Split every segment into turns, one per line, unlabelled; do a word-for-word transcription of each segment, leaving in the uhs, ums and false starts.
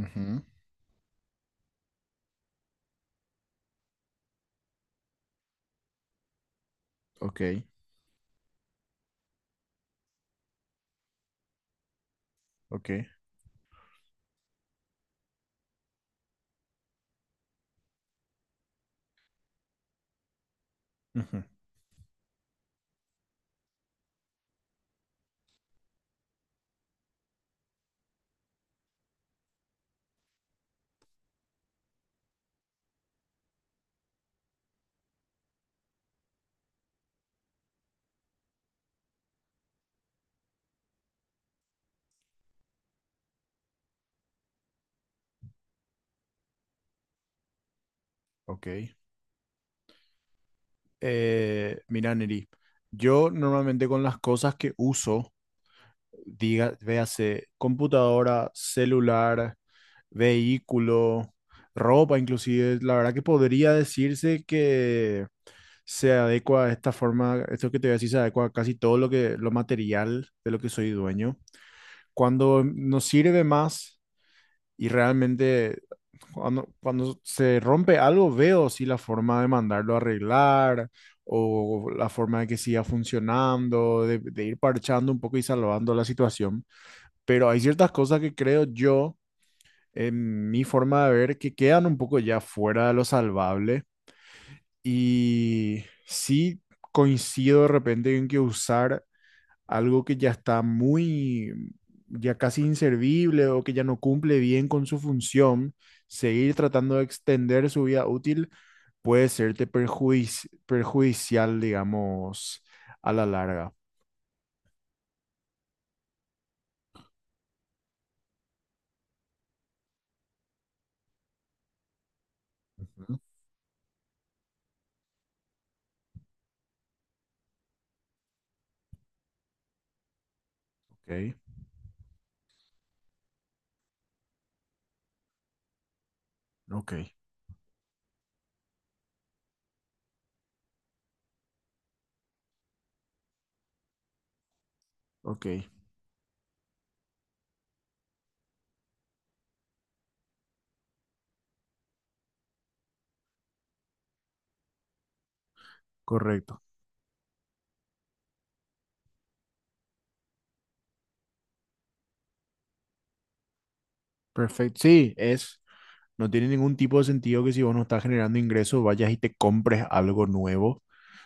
Ujú. Ok, ok, ujú, ok. Eh, mira, Neri, yo normalmente con las cosas que uso, diga, véase computadora, celular, vehículo, ropa, inclusive, la verdad que podría decirse que se adecua a esta forma, esto que te voy a decir se adecua a casi todo lo que, lo material de lo que soy dueño. Cuando nos sirve más y realmente Cuando, cuando se rompe algo, veo si la forma de mandarlo a arreglar o la forma de que siga funcionando, de, de ir parchando un poco y salvando la situación. Pero hay ciertas cosas que creo yo, en mi forma de ver, que quedan un poco ya fuera de lo salvable. Y sí coincido de repente en que usar algo que ya está muy, ya casi inservible o que ya no cumple bien con su función, seguir tratando de extender su vida útil puede serte perjuici- perjudicial, digamos, a la larga. Ujú. Ok, ok, ok, correcto. Perfecto. Sí, es, no tiene ningún tipo de sentido que si vos no estás generando ingresos, vayas y te compres algo nuevo.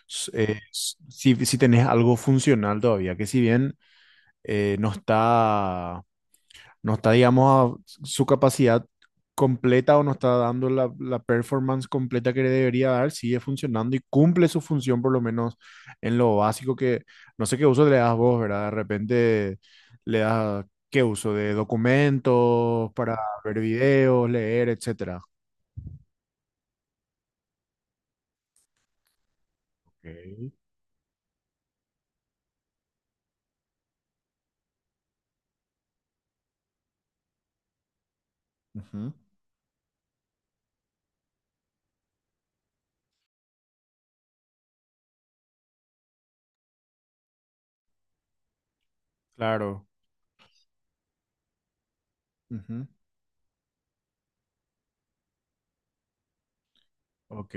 S- eh, s- si, si tenés algo funcional todavía, que si bien eh, no está no está, digamos, a su capacidad completa o no está dando la, la performance completa que le debería dar, sigue funcionando y cumple su función por lo menos en lo básico que, no sé qué uso le das vos, ¿verdad? De repente le das, ¿qué uso? De documentos para ver videos, leer, etcétera. Ok. Ujú. Claro. Ujú. Ok.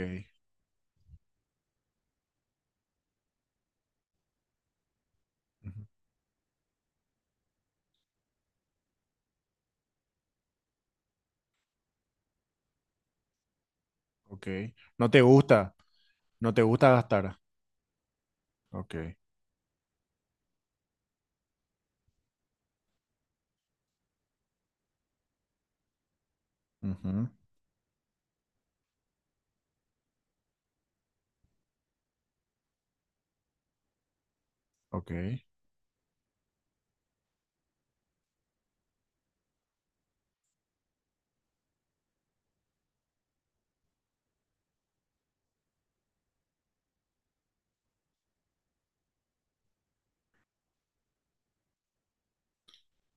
Ujú. Ok. No te gusta, no te gusta gastar. Ok. Ujú. Ok.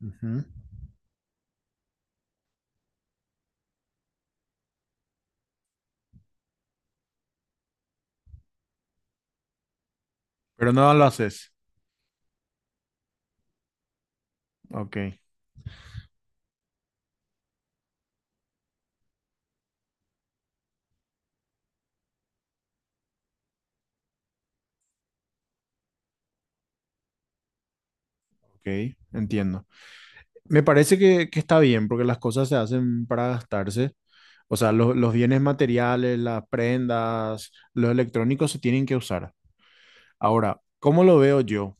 Ujú. Pero no lo haces. Ok, ok, entiendo. Me parece que, que está bien porque las cosas se hacen para gastarse. O sea, lo- los bienes materiales, las prendas, los electrónicos se tienen que usar. Ahora, ¿cómo lo veo yo?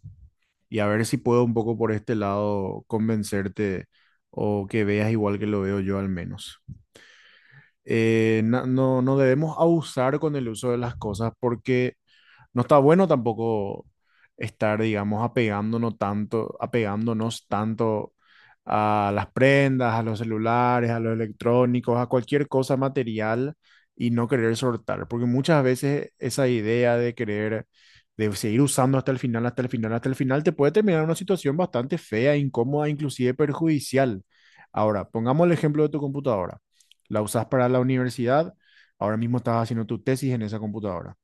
Y a ver si puedo un poco por este lado convencerte o que veas igual que lo veo yo al menos. Eh, na- no, no debemos abusar con el uso de las cosas porque no está bueno tampoco estar, digamos, apegándonos tanto, apegándonos tanto a las prendas, a los celulares, a los electrónicos, a cualquier cosa material y no querer soltar, porque muchas veces esa idea de querer, de seguir usando hasta el final, hasta el final, hasta el final, te puede terminar en una situación bastante fea, incómoda, inclusive perjudicial. Ahora, pongamos el ejemplo de tu computadora. La usas para la universidad, ahora mismo estás haciendo tu tesis en esa computadora.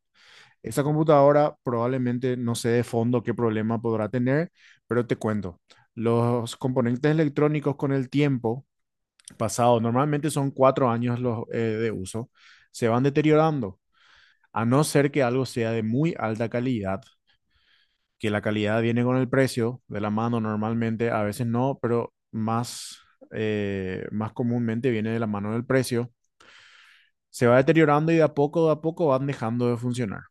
Esa computadora probablemente no sé de fondo qué problema podrá tener, pero te cuento. Los componentes electrónicos con el tiempo pasado, normalmente son cuatro años los, eh, de uso, se van deteriorando, a no ser que algo sea de muy alta calidad, que la calidad viene con el precio de la mano normalmente, a veces no, pero más, eh, más comúnmente viene de la mano del precio, se va deteriorando y de a poco, de a poco van dejando de funcionar.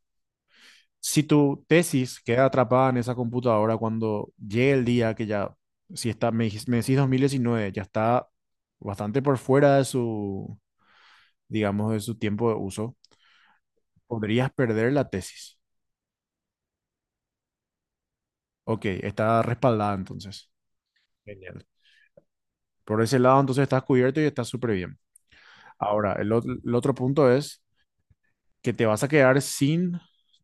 Si tu tesis queda atrapada en esa computadora cuando llegue el día que ya, si está, me, dijis- me decís dos mil diecinueve, ya está bastante por fuera de su, digamos, de su tiempo de uso, podrías perder la tesis. Ok, está respaldada entonces. Genial. Por ese lado, entonces estás cubierto y estás súper bien. Ahora, el, ot- el otro punto es que te vas a quedar sin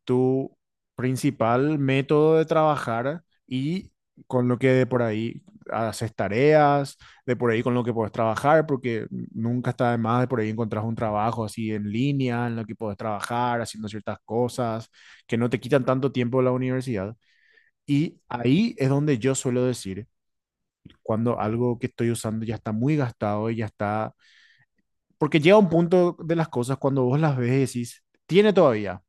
tu principal método de trabajar y con lo que de por ahí haces tareas, de por ahí con lo que puedes trabajar, porque nunca está de más de por ahí encontrar un trabajo así en línea, en lo que puedes trabajar, haciendo ciertas cosas que no te quitan tanto tiempo de la universidad. Y ahí es donde yo suelo decir, cuando algo que estoy usando ya está muy gastado y ya está, porque llega un punto de las cosas cuando vos las ves y decís, tiene todavía,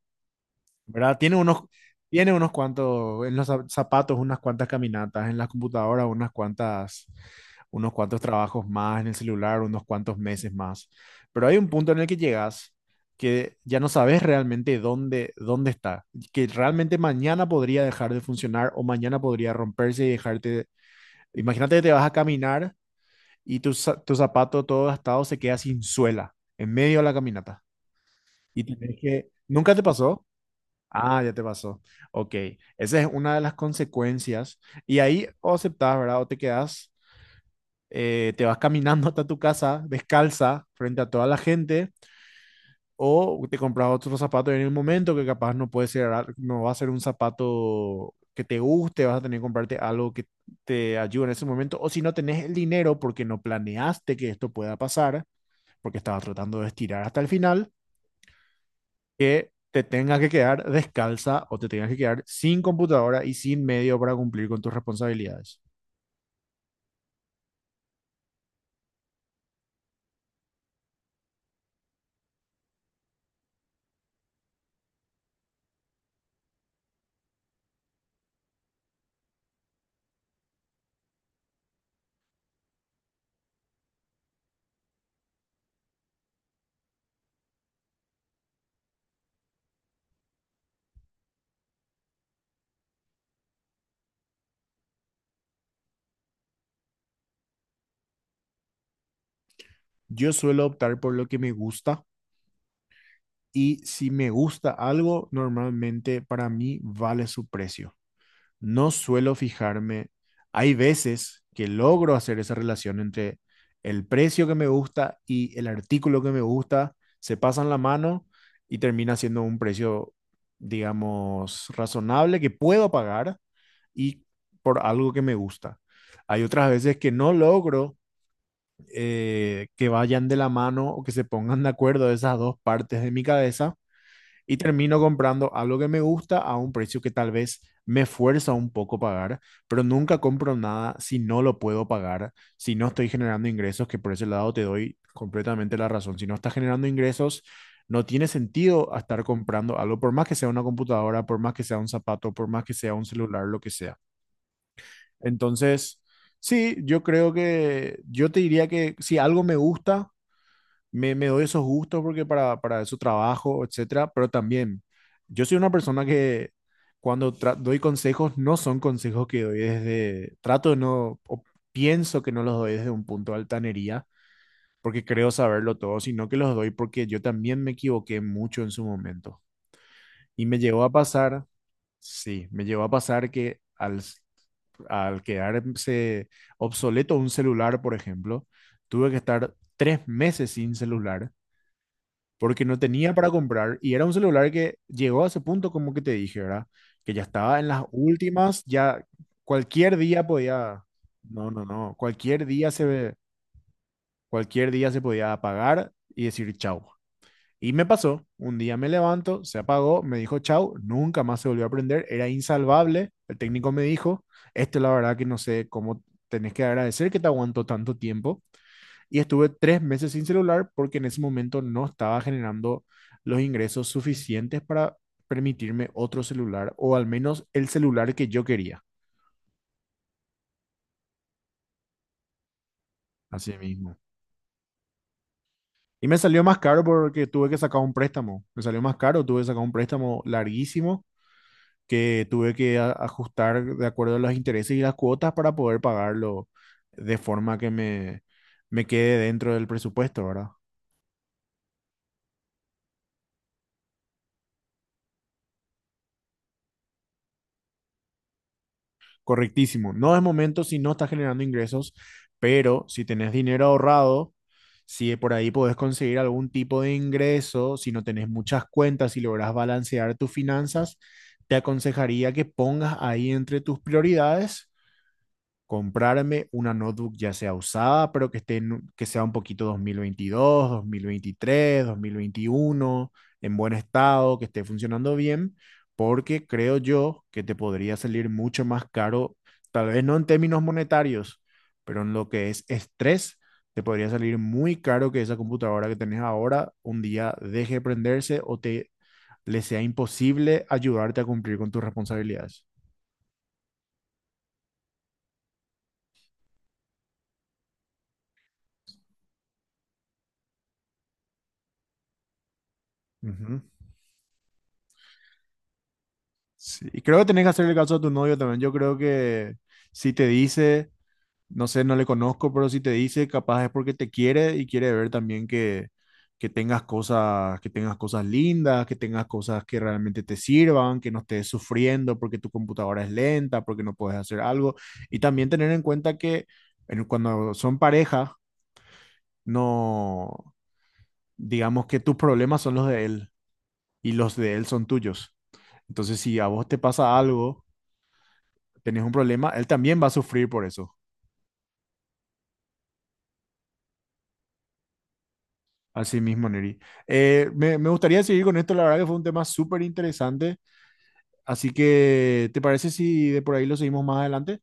¿verdad? Tiene unos, tiene unos cuantos, en los zap- zapatos, unas cuantas caminatas, en la computadora, unas cuantas, unos cuantos trabajos más, en el celular, unos cuantos meses más. Pero hay un punto en el que llegas que ya no sabes realmente dónde, dónde está, que realmente mañana podría dejar de funcionar o mañana podría romperse y dejarte. Imagínate que te vas a caminar y tu, za- tu zapato todo gastado se queda sin suela en medio de la caminata. Y tenés que, ¿nunca te pasó? Ah, ya te pasó. Ok, esa es una de las consecuencias. Y ahí o aceptás, ¿verdad? O te quedás, eh, te vas caminando hasta tu casa descalza frente a toda la gente, o te compras otro zapato en el momento que capaz no puede ser, ar- no va a ser un zapato que te guste, vas a tener que comprarte algo que te ayude en ese momento. O si no tenés el dinero porque no planeaste que esto pueda pasar, porque estabas tratando de estirar hasta el final que te tengas que quedar descalza o te tengas que quedar sin computadora y sin medio para cumplir con tus responsabilidades. Yo suelo optar por lo que me gusta y si me gusta algo, normalmente para mí vale su precio. No suelo fijarme. Hay veces que logro hacer esa relación entre el precio que me gusta y el artículo que me gusta, se pasan la mano y termina siendo un precio, digamos, razonable que puedo pagar y por algo que me gusta. Hay otras veces que no logro eh, que vayan de la mano o que se pongan de acuerdo esas dos partes de mi cabeza y termino comprando algo que me gusta a un precio que tal vez me fuerza un poco pagar, pero nunca compro nada si no lo puedo pagar, si no estoy generando ingresos, que por ese lado te doy completamente la razón. Si no estás generando ingresos, no tiene sentido estar comprando algo, por más que sea una computadora, por más que sea un zapato, por más que sea un celular, lo que sea. Entonces, sí, yo creo que yo te diría que si algo me gusta, me, me doy esos gustos porque para, para eso trabajo, etcétera, pero también yo soy una persona que cuando tra- doy consejos, no son consejos que doy desde, trato de no, o pienso que no los doy desde un punto de altanería, porque creo saberlo todo, sino que los doy porque yo también me equivoqué mucho en su momento. Y me llegó a pasar, sí, me llegó a pasar que al, s- al quedarse obsoleto un celular, por ejemplo, tuve que estar tres meses sin celular porque no tenía para comprar y era un celular que llegó a ese punto como que te dije, ¿verdad? Que ya estaba en las últimas, ya cualquier día podía, no, no, no, cualquier día se ve, cualquier día se podía apagar y decir chau. Y me pasó, un día me levanto, se apagó, me dijo chau, nunca más se volvió a prender, era insalvable, el técnico me dijo, esto la verdad que no sé cómo tenés que agradecer que te aguantó tanto tiempo, y estuve tres meses sin celular porque en ese momento no estaba generando los ingresos suficientes para permitirme otro celular o al menos el celular que yo quería, así mismo. Y me salió más caro porque tuve que sacar un préstamo, me salió más caro, tuve que sacar un préstamo larguísimo que tuve que a- ajustar de acuerdo a los intereses y las cuotas para poder pagarlo de forma que me, me quede dentro del presupuesto, ¿verdad? Correctísimo. No es momento si no estás generando ingresos, pero si tenés dinero ahorrado, si por ahí podés conseguir algún tipo de ingreso, si no tenés muchas cuentas, si logras balancear tus finanzas, te aconsejaría que pongas ahí entre tus prioridades comprarme una notebook ya sea usada, pero que esté en- que sea un poquito dos mil veintidós, dos mil veintitrés, dos mil veintiuno, en buen estado, que esté funcionando bien, porque creo yo que te podría salir mucho más caro, tal vez no en términos monetarios, pero en lo que es estrés, te podría salir muy caro que esa computadora que tenés ahora un día deje de prenderse o te le sea imposible ayudarte a cumplir con tus responsabilidades. Ujú. Sí, y creo que tenés que hacer el caso a tu novio también. Yo creo que si te dice, no sé, no le conozco, pero si te dice, capaz es porque te quiere y quiere ver también que, que, tengas cosas, que tengas cosas lindas, que tengas cosas que realmente te sirvan, que no estés sufriendo porque tu computadora es lenta, porque no puedes hacer algo. Y también tener en cuenta que en- cuando son pareja, no, digamos que tus problemas son los de él y los de él son tuyos. Entonces, si a vos te pasa algo tenés un problema, él también va a sufrir por eso. Así mismo, Neri. Eh, me, me gustaría seguir con esto, la verdad que fue un tema súper interesante. Así que, ¿te parece si de por ahí lo seguimos más adelante?